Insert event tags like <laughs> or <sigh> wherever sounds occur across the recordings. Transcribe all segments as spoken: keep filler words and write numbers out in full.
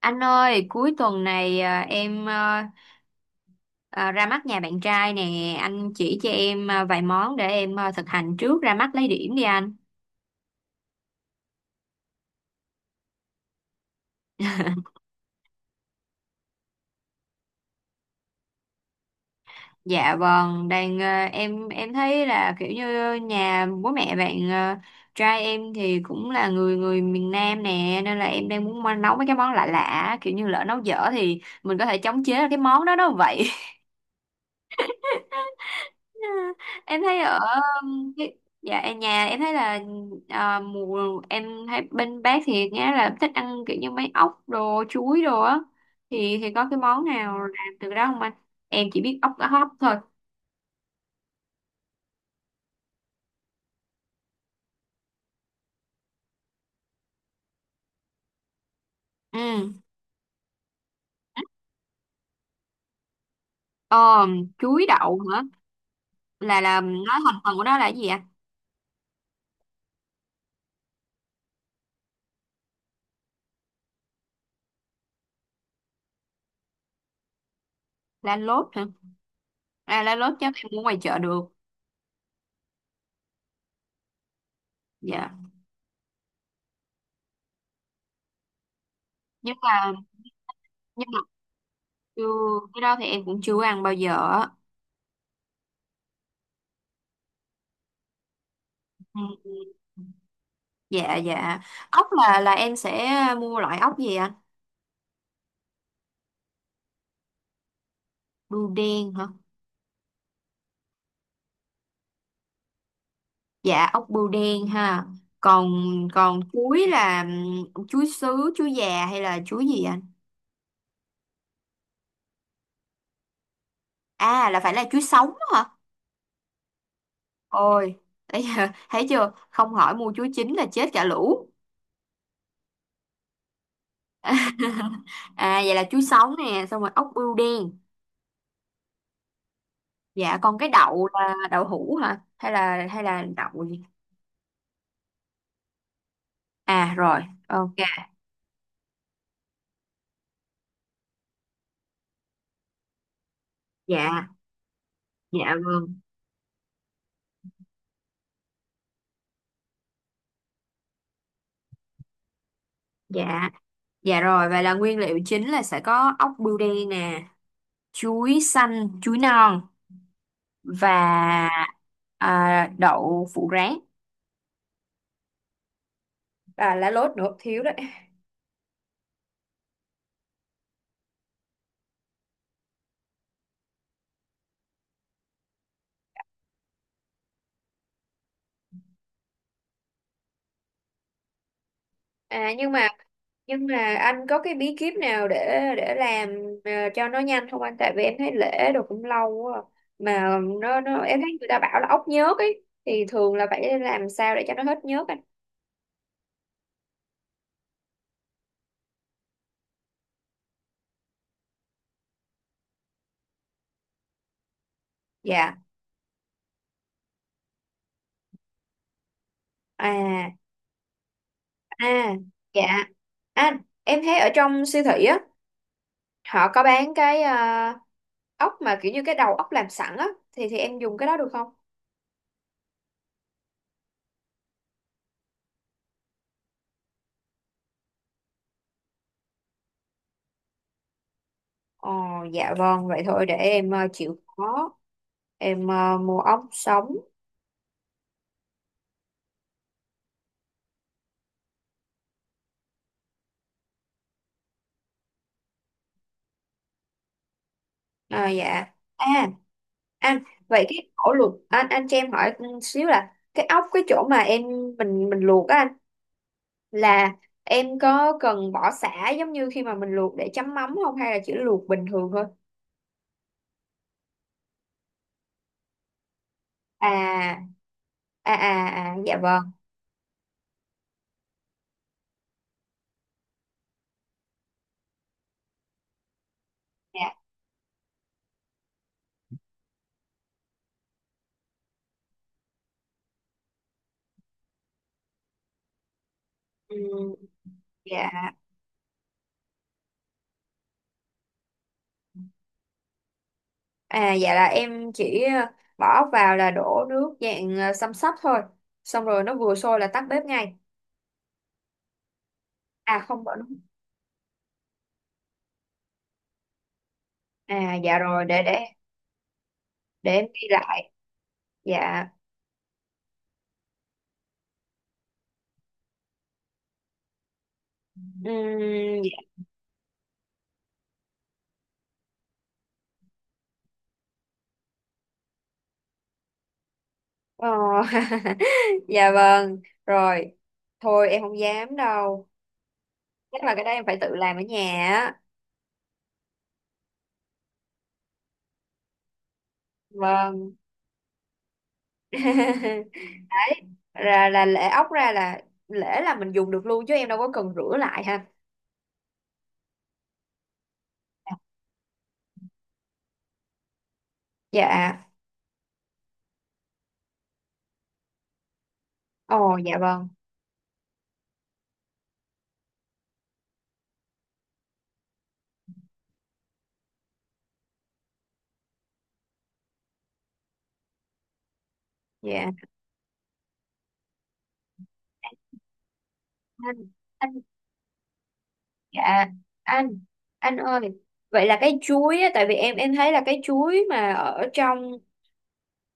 Anh ơi, cuối tuần này à, em à, à, ra mắt nhà bạn trai nè, anh chỉ cho em à, vài món để em à, thực hành trước ra mắt lấy điểm đi anh. <laughs> Dạ vâng, đang à, em em thấy là kiểu như nhà bố mẹ bạn à, trai em thì cũng là người người miền Nam nè, nên là em đang muốn nấu mấy cái món lạ lạ, kiểu như lỡ nấu dở thì mình có thể chống chế cái món đó đó vậy. <laughs> Em thấy ở um, cái- dạ em nhà em thấy là à, mùa em thấy bên bác thì nghe là thích ăn kiểu như mấy ốc đồ chuối đồ á, thì thì có cái món nào làm từ đó không anh? Em chỉ biết ốc cá hấp thôi. Ừ, ờ, chuối đậu hả? Là là nói thành phần của nó là cái gì ạ? Lá lốt hả? À, lá lốt chắc em mua ngoài chợ được. Dạ. Nhưng mà, nhưng mà chưa, cái đó thì em cũng chưa ăn bao giờ á. Ừ. Dạ dạ. Ốc là là em sẽ mua loại ốc gì anh? Bươu đen hả? Dạ ốc bươu đen ha. Còn, còn chuối là ừm, chuối sứ chuối già hay là chuối gì anh? À là phải là chuối sống hả? Ôi, bây giờ thấy chưa không hỏi mua chuối chín là chết cả lũ. <laughs> À vậy là chuối sống nè xong rồi ốc bươu đen. Dạ còn cái đậu là đậu hũ hả hay là, hay là đậu gì? À rồi. Ok. Dạ. Dạ vâng. Dạ. Dạ rồi, vậy là nguyên liệu chính là sẽ có ốc bươu đen nè, chuối xanh, chuối non và à, đậu phụ rán. À, lá lốt nữa thiếu đấy. À nhưng mà, nhưng mà anh có cái bí kíp nào để để làm à, cho nó nhanh không anh? Tại vì em thấy lễ đồ cũng lâu quá. À. Mà nó nó em thấy người ta bảo là ốc nhớt ấy thì thường là phải làm sao để cho nó hết nhớt anh? Dạ. À, à dạ. Anh, em thấy ở trong siêu thị á, họ có bán cái ờ, ốc mà kiểu như cái đầu ốc làm sẵn á, thì thì em dùng cái đó được không? Ồ dạ vâng, vậy thôi để em ờ, chịu khó, em ờ, mua ốc sống. À, dạ. À anh vậy cái ổ luộc anh, anh cho em hỏi xíu là cái ốc cái chỗ mà em, mình mình luộc á anh, là em có cần bỏ sả giống như khi mà mình luộc để chấm mắm không hay là chỉ luộc bình thường thôi? À à à, à dạ vâng. Dạ. Ừ, dạ. À dạ là em chỉ ờ, bỏ vào là đổ nước dạng ờ, xăm sắp thôi. Xong rồi nó vừa sôi là tắt bếp ngay. À không bỏ nước. À dạ rồi để để để em ghi lại. Dạ. Ừm, dạ. Ờ, <laughs> dạ vâng. Rồi. Thôi em không dám đâu. Chắc là cái đó em phải tự làm ở nhà á. Vâng. <laughs> Đấy. Là là lễ ốc ra là lễ là mình dùng được luôn chứ em đâu có cần rửa lại ha. Dạ. Ồ dạ vâng. Dạ. Anh-, dạ anh anh ơi, vậy là cái chuối á, tại vì em em thấy là cái chuối mà ở trong,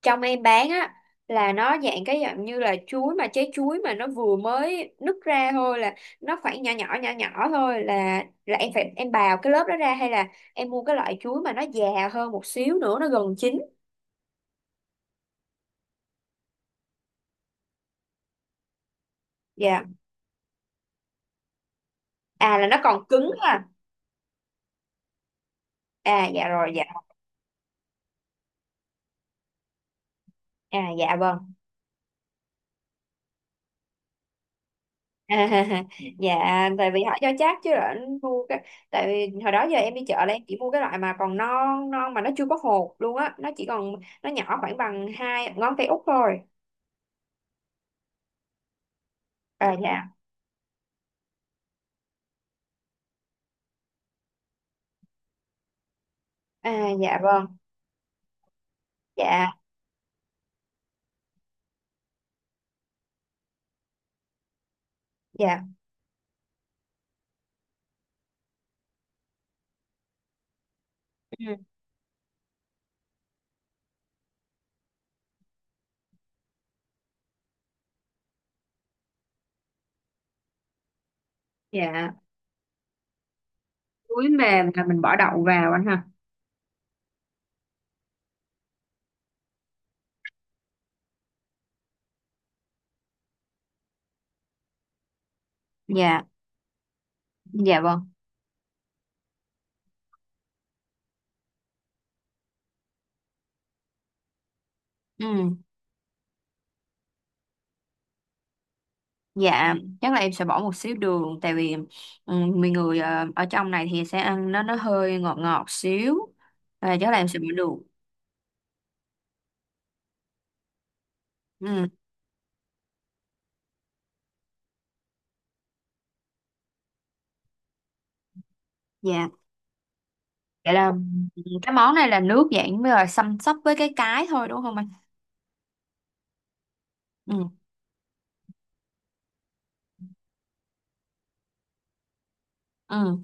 trong em bán á, là nó dạng cái dạng như là chuối mà trái chuối mà nó vừa mới nứt ra thôi, là nó khoảng nhỏ nhỏ nhỏ nhỏ thôi, là là em phải em bào cái lớp đó ra hay là em mua cái loại chuối mà nó già hơn một xíu nữa nó gần chín. Dạ. À là nó còn cứng ha. À dạ rồi dạ. À dạ vâng. À, <laughs> dạ, tại vì họ cho chắc chứ là anh mua cái, tại vì hồi đó giờ em đi chợ là em chỉ mua cái loại mà còn non non mà nó chưa có hột luôn á, nó chỉ còn, nó nhỏ khoảng bằng hai ngón tay út thôi. À dạ. À dạ vâng. Dạ. Dạ. Ừ, dạ. Chuối mềm là mình bỏ đậu vào anh ha. Dạ. Dạ vâng. Ừ, dạ, chắc là em sẽ bỏ một xíu đường, tại vì ừ, mình người ờ, ở trong này thì sẽ ăn nó nó hơi ngọt ngọt xíu, à, chắc là em sẽ bỏ đường. Ừ, dạ. Vậy là cái món này là nước dạng với rồi xăm xắp với cái cái thôi đúng không anh? Ừ, ừ,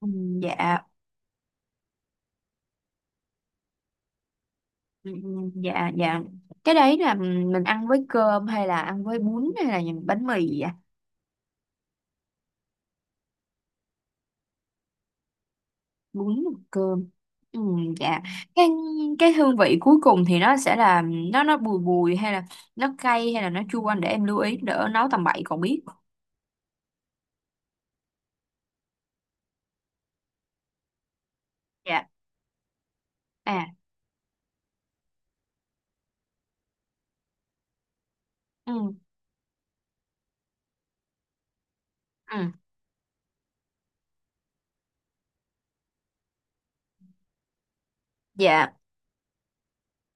ừ, dạ, ừ, ừ, dạ, dạ. Cái đấy là mình ăn với cơm hay là ăn với bún hay là những bánh mì vậy ạ? Bún và cơm. Ừ, dạ. Cái cái hương vị cuối cùng thì nó sẽ là nó nó bùi bùi hay là nó cay hay là nó chua anh, để em lưu ý đỡ nấu tầm bậy còn biết. Dạ. À. Ừ. Ừ. Dạ.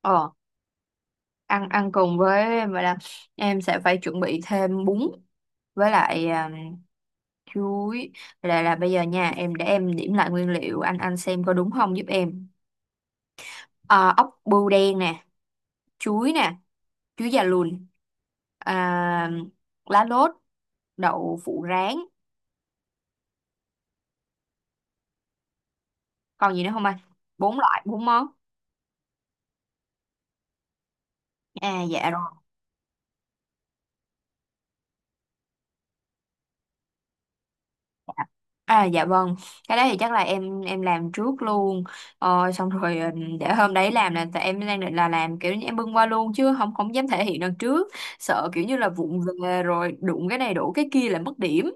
Ờ. Ăn, ăn cùng với em, vậy là em sẽ phải chuẩn bị thêm bún với lại à, chuối là là bây giờ nha, em để em điểm lại nguyên liệu, anh, anh xem có đúng không giúp em. À, ốc bươu đen nè, chuối nè, chuối già lùn, à, lá lốt, đậu phụ rán, còn gì nữa không anh? Bốn loại bốn món. À dạ rồi. À dạ vâng, cái đấy thì chắc là em em làm trước luôn. Ờ, xong rồi ừ, để hôm đấy làm là tại em đang định là làm kiểu như em bưng qua luôn chứ không, không dám thể hiện đằng trước, sợ kiểu như là vụng về rồi đụng cái này đổ cái kia là mất điểm.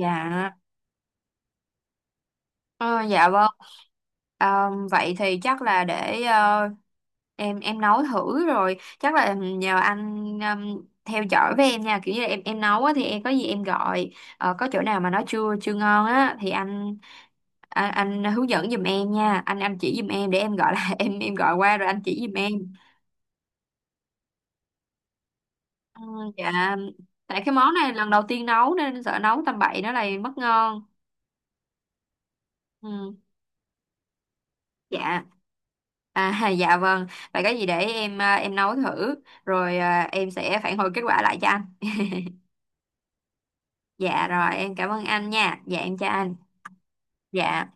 Dạ. Ờ, dạ vâng. Ờ, vậy thì chắc là để ờ, em em nấu thử rồi chắc là nhờ anh um, theo dõi với em nha, kiểu như là em em nấu á, thì em có gì em gọi. Ờ, có chỗ nào mà nó chưa, chưa ngon á thì anh, anh, anh hướng dẫn giùm em nha, anh, anh chỉ giùm em để em gọi là <laughs> em em gọi qua rồi anh chỉ giùm em. Ừ, dạ, tại cái món này lần đầu tiên nấu nên sợ nấu tầm bậy nó lại mất ngon. Ừ. Dạ. À, <laughs> dạ vâng. Vậy có gì để em à, em nấu thử rồi à, em sẽ phản hồi kết quả lại cho anh. Dạ rồi, em cảm ơn anh nha. Dạ em chào anh. Dạ.